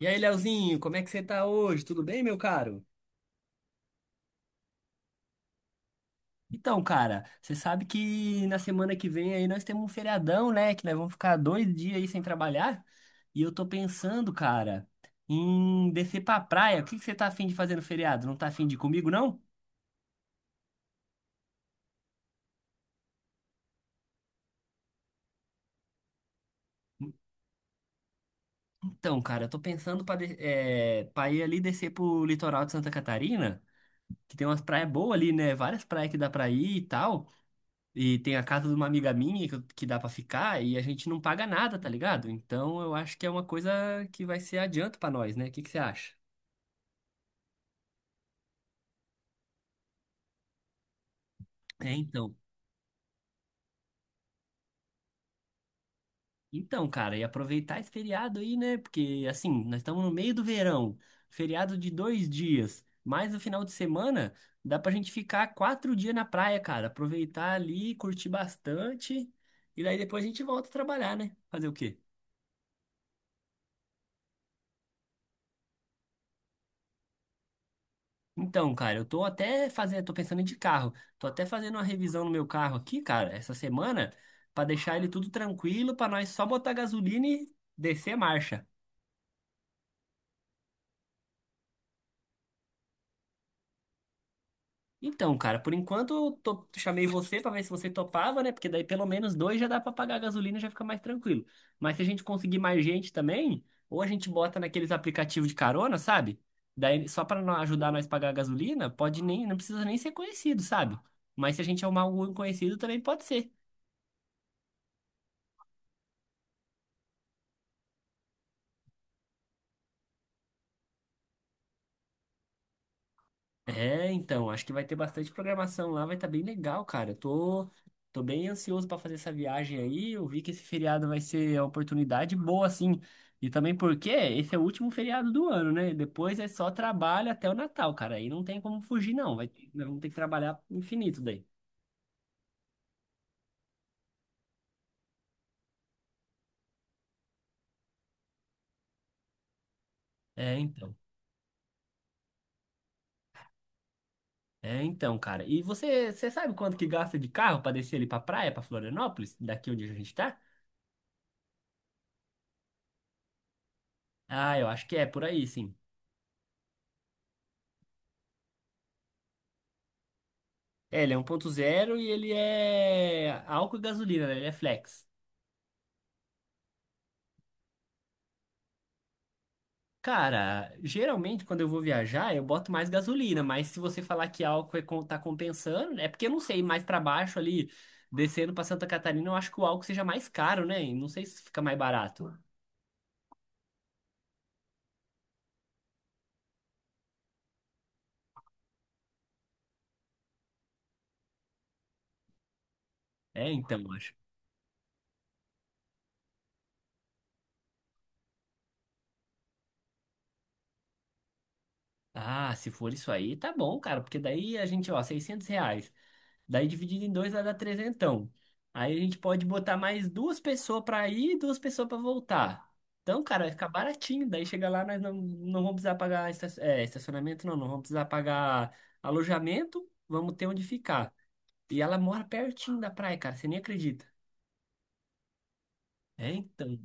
E aí, Leozinho, como é que você tá hoje? Tudo bem, meu caro? Então, cara, você sabe que na semana que vem aí nós temos um feriadão, né? Que nós vamos ficar 2 dias aí sem trabalhar. E eu tô pensando, cara, em descer pra praia. O que que você tá afim de fazer no feriado? Não tá afim de ir comigo, não? Então, cara, eu tô pensando pra ir ali descer pro litoral de Santa Catarina, que tem umas praias boas ali, né? Várias praias que dá pra ir e tal. E tem a casa de uma amiga minha que dá pra ficar e a gente não paga nada, tá ligado? Então eu acho que é uma coisa que vai ser adianto pra nós, né? O que que você acha? É, então. Então, cara, e aproveitar esse feriado aí, né? Porque, assim, nós estamos no meio do verão, feriado de 2 dias, mais o final de semana, dá pra gente ficar 4 dias na praia, cara. Aproveitar ali, curtir bastante, e daí depois a gente volta a trabalhar, né? Fazer o quê? Então, cara, eu tô pensando em de carro. Tô até fazendo uma revisão no meu carro aqui, cara, essa semana, pra deixar ele tudo tranquilo, pra nós só botar gasolina e descer a marcha. Então, cara, por enquanto chamei você pra ver se você topava, né? Porque daí pelo menos dois já dá pra pagar a gasolina e já fica mais tranquilo. Mas se a gente conseguir mais gente também, ou a gente bota naqueles aplicativos de carona, sabe? Daí só pra ajudar nós a pagar a gasolina, pode nem, não precisa nem ser conhecido, sabe? Mas se a gente arrumar algum conhecido também pode ser. É, então, acho que vai ter bastante programação lá, vai estar bem legal, cara. Eu tô bem ansioso para fazer essa viagem aí. Eu vi que esse feriado vai ser uma oportunidade boa, assim. E também porque esse é o último feriado do ano, né? Depois é só trabalho até o Natal, cara. Aí não tem como fugir, não. Vai, nós vamos ter que trabalhar infinito daí. É, então. É, então, cara. E você sabe quanto que gasta de carro para descer ali pra praia, pra Florianópolis, daqui onde a gente tá? Ah, eu acho que é por aí, sim. É, ele é 1.0 e ele é álcool e gasolina, né? Ele é flex. Cara, geralmente quando eu vou viajar, eu boto mais gasolina, mas se você falar que álcool é, tá compensando, é porque eu não sei, mais pra baixo ali, descendo pra Santa Catarina, eu acho que o álcool seja mais caro, né? E não sei se fica mais barato. É, então, eu acho. Ah, se for isso aí, tá bom, cara, porque daí a gente, ó, R$ 600. Daí dividido em dois vai dar trezentão. Aí a gente pode botar mais duas pessoas pra ir e duas pessoas pra voltar. Então, cara, vai ficar baratinho. Daí chega lá, nós não vamos precisar pagar estacionamento, não. Não vamos precisar pagar alojamento. Vamos ter onde ficar. E ela mora pertinho da praia, cara. Você nem acredita. É, então.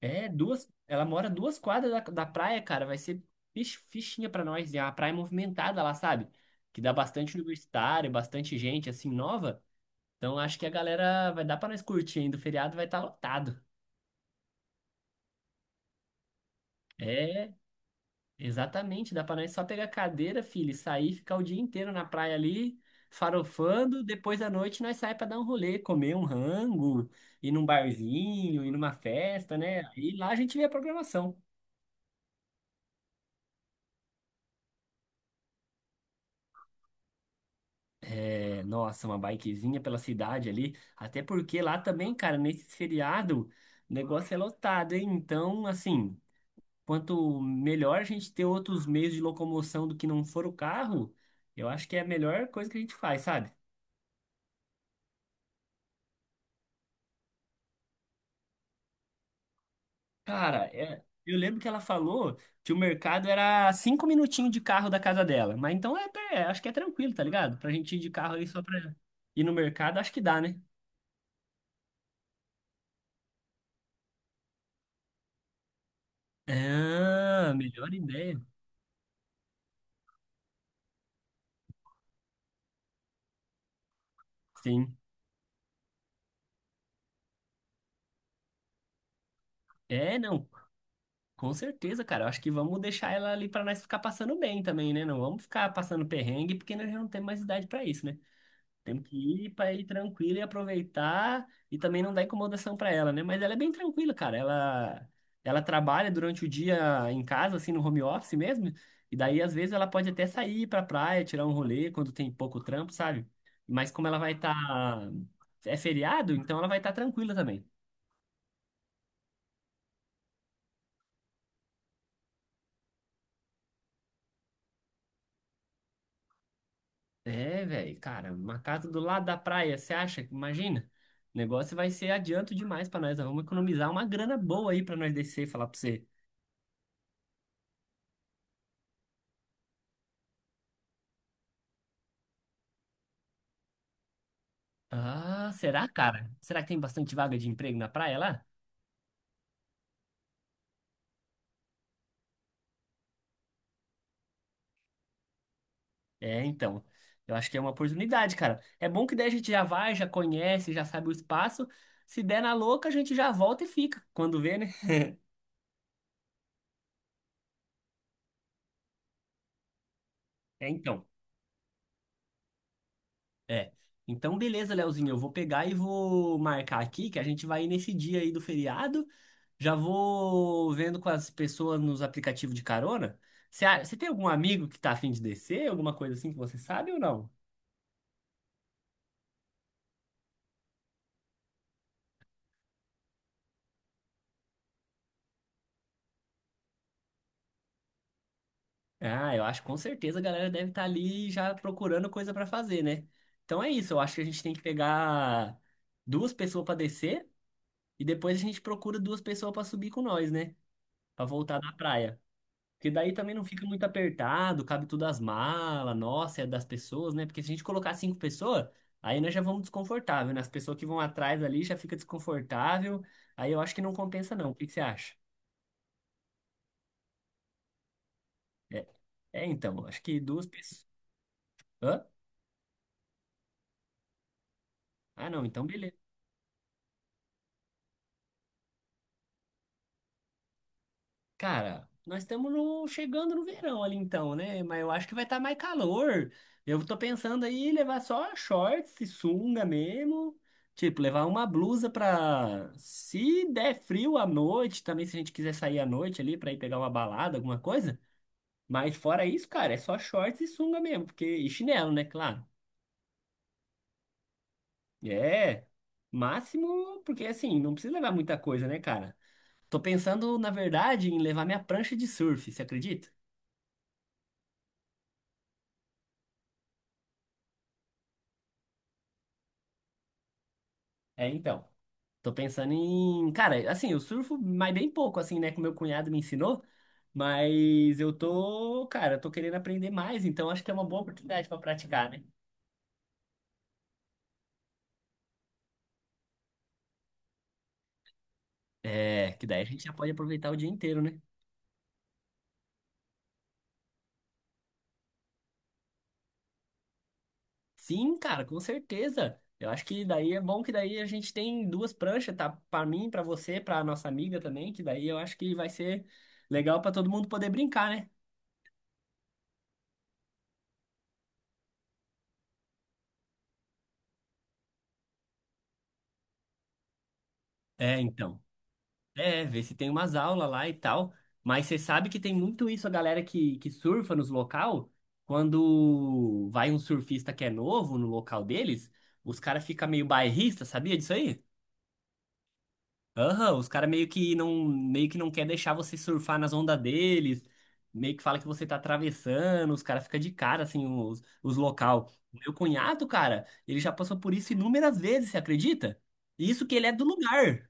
É, duas. Ela mora 2 quadras da praia, cara. Vai ser fichinha pra nós. E é uma praia é movimentada lá, sabe? Que dá bastante universitário, bastante gente, assim, nova. Então acho que a galera vai dar pra nós curtir ainda. O feriado vai estar lotado. É, exatamente. Dá pra nós só pegar cadeira, filho, e sair, ficar o dia inteiro na praia ali, farofando. Depois da noite nós sai pra dar um rolê, comer um rango, ir num barzinho, ir numa festa, né? E lá a gente vê a programação. É, nossa, uma bikezinha pela cidade ali. Até porque lá também, cara, nesse feriado, o negócio é lotado, hein? Então, assim. Quanto melhor a gente ter outros meios de locomoção do que não for o carro, eu acho que é a melhor coisa que a gente faz, sabe? Cara, eu lembro que ela falou que o mercado era 5 minutinhos de carro da casa dela, mas então é, acho que é tranquilo, tá ligado? Pra gente ir de carro aí só pra ir no mercado, acho que dá, né? Ah, melhor ideia. Sim. É, não. Com certeza, cara. Eu acho que vamos deixar ela ali pra nós ficar passando bem também, né? Não vamos ficar passando perrengue, porque nós já não temos mais idade pra isso, né? Temos que ir para ir tranquilo e aproveitar e também não dar incomodação para ela, né? Mas ela é bem tranquila, cara. Ela trabalha durante o dia em casa, assim, no home office mesmo. E daí às vezes ela pode até sair para praia, tirar um rolê quando tem pouco trampo, sabe? Mas como ela vai estar é feriado, então ela vai estar tranquila também. É, velho, cara, uma casa do lado da praia, você acha? Imagina. O negócio vai ser adianto demais para nós. Nós vamos economizar uma grana boa aí para nós descer e falar para você. Ah, será, cara? Será que tem bastante vaga de emprego na praia lá? É, então. Eu acho que é uma oportunidade, cara. É bom que daí a gente já vai, já conhece, já sabe o espaço. Se der na louca, a gente já volta e fica. Quando vê, né? É, então. É. Então, beleza, Leozinho. Eu vou pegar e vou marcar aqui que a gente vai ir nesse dia aí do feriado. Já vou vendo com as pessoas nos aplicativos de carona. Você tem algum amigo que tá afim de descer? Alguma coisa assim que você sabe ou não? Ah, eu acho que com certeza a galera deve estar ali já procurando coisa pra fazer, né? Então é isso, eu acho que a gente tem que pegar duas pessoas pra descer e depois a gente procura duas pessoas pra subir com nós, né? Pra voltar da praia. Porque daí também não fica muito apertado, cabe tudo as malas, nossa, é das pessoas, né? Porque se a gente colocar cinco pessoas, aí nós já vamos desconfortável, né? As pessoas que vão atrás ali já fica desconfortável, aí eu acho que não compensa não. O que que você acha? É, é, então, acho que duas pessoas. Hã? Ah, não, então beleza. Cara, nós estamos chegando no verão ali então, né? Mas eu acho que vai estar mais calor. Eu tô pensando aí em levar só shorts e sunga mesmo. Tipo, levar uma blusa pra. Se der frio à noite, também se a gente quiser sair à noite ali pra ir pegar uma balada, alguma coisa. Mas fora isso, cara, é só shorts e sunga mesmo. E chinelo, né? Claro. É. Máximo, porque assim, não precisa levar muita coisa, né, cara? Tô pensando, na verdade, em levar minha prancha de surf, você acredita? É, então. Tô pensando em. Cara, assim, eu surfo, mas bem pouco, assim, né? Que meu cunhado me ensinou. Mas eu tô, cara, eu tô querendo aprender mais, então acho que é uma boa oportunidade pra praticar, né? É, que daí a gente já pode aproveitar o dia inteiro, né? Sim, cara, com certeza. Eu acho que daí é bom que daí a gente tem duas pranchas, tá? Pra mim, pra você, pra nossa amiga também, que daí eu acho que vai ser legal pra todo mundo poder brincar, né? É, então. É, ver se tem umas aulas lá e tal. Mas você sabe que tem muito isso, a galera que surfa nos local, quando vai um surfista que é novo no local deles, os caras ficam meio bairrista, sabia disso aí? Aham, os caras meio que não quer deixar você surfar nas ondas deles, meio que fala que você tá atravessando, os caras ficam de cara, assim, os local. O meu cunhado, cara, ele já passou por isso inúmeras vezes, você acredita? Isso que ele é do lugar.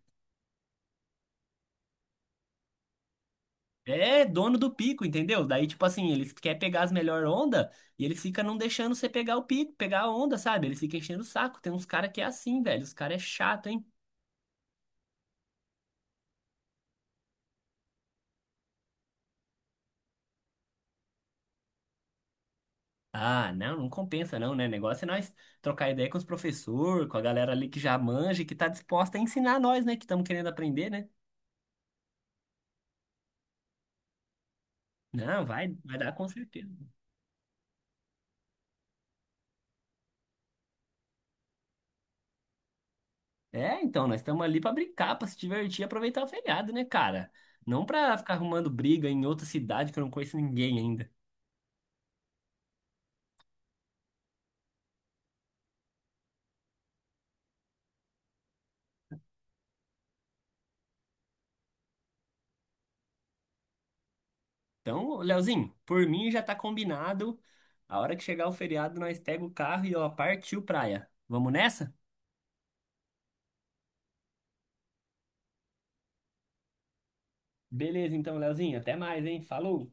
É dono do pico, entendeu? Daí, tipo assim, eles querem pegar as melhores ondas e eles ficam não deixando você pegar o pico, pegar a onda, sabe? Eles ficam enchendo o saco. Tem uns caras que é assim, velho. Os caras é chato, hein? Ah, não, não compensa não, né? Negócio é nós trocar ideia com os professores, com a galera ali que já manja, e que tá disposta a ensinar nós, né? Que estamos querendo aprender, né? Não, vai dar com certeza. É, então, nós estamos ali para brincar, para se divertir e aproveitar o feriado, né, cara? Não para ficar arrumando briga em outra cidade que eu não conheço ninguém ainda. Então, Leozinho, por mim já tá combinado. A hora que chegar o feriado, nós pega o carro e ó, partiu praia. Vamos nessa? Beleza, então, Leozinho, até mais, hein? Falou!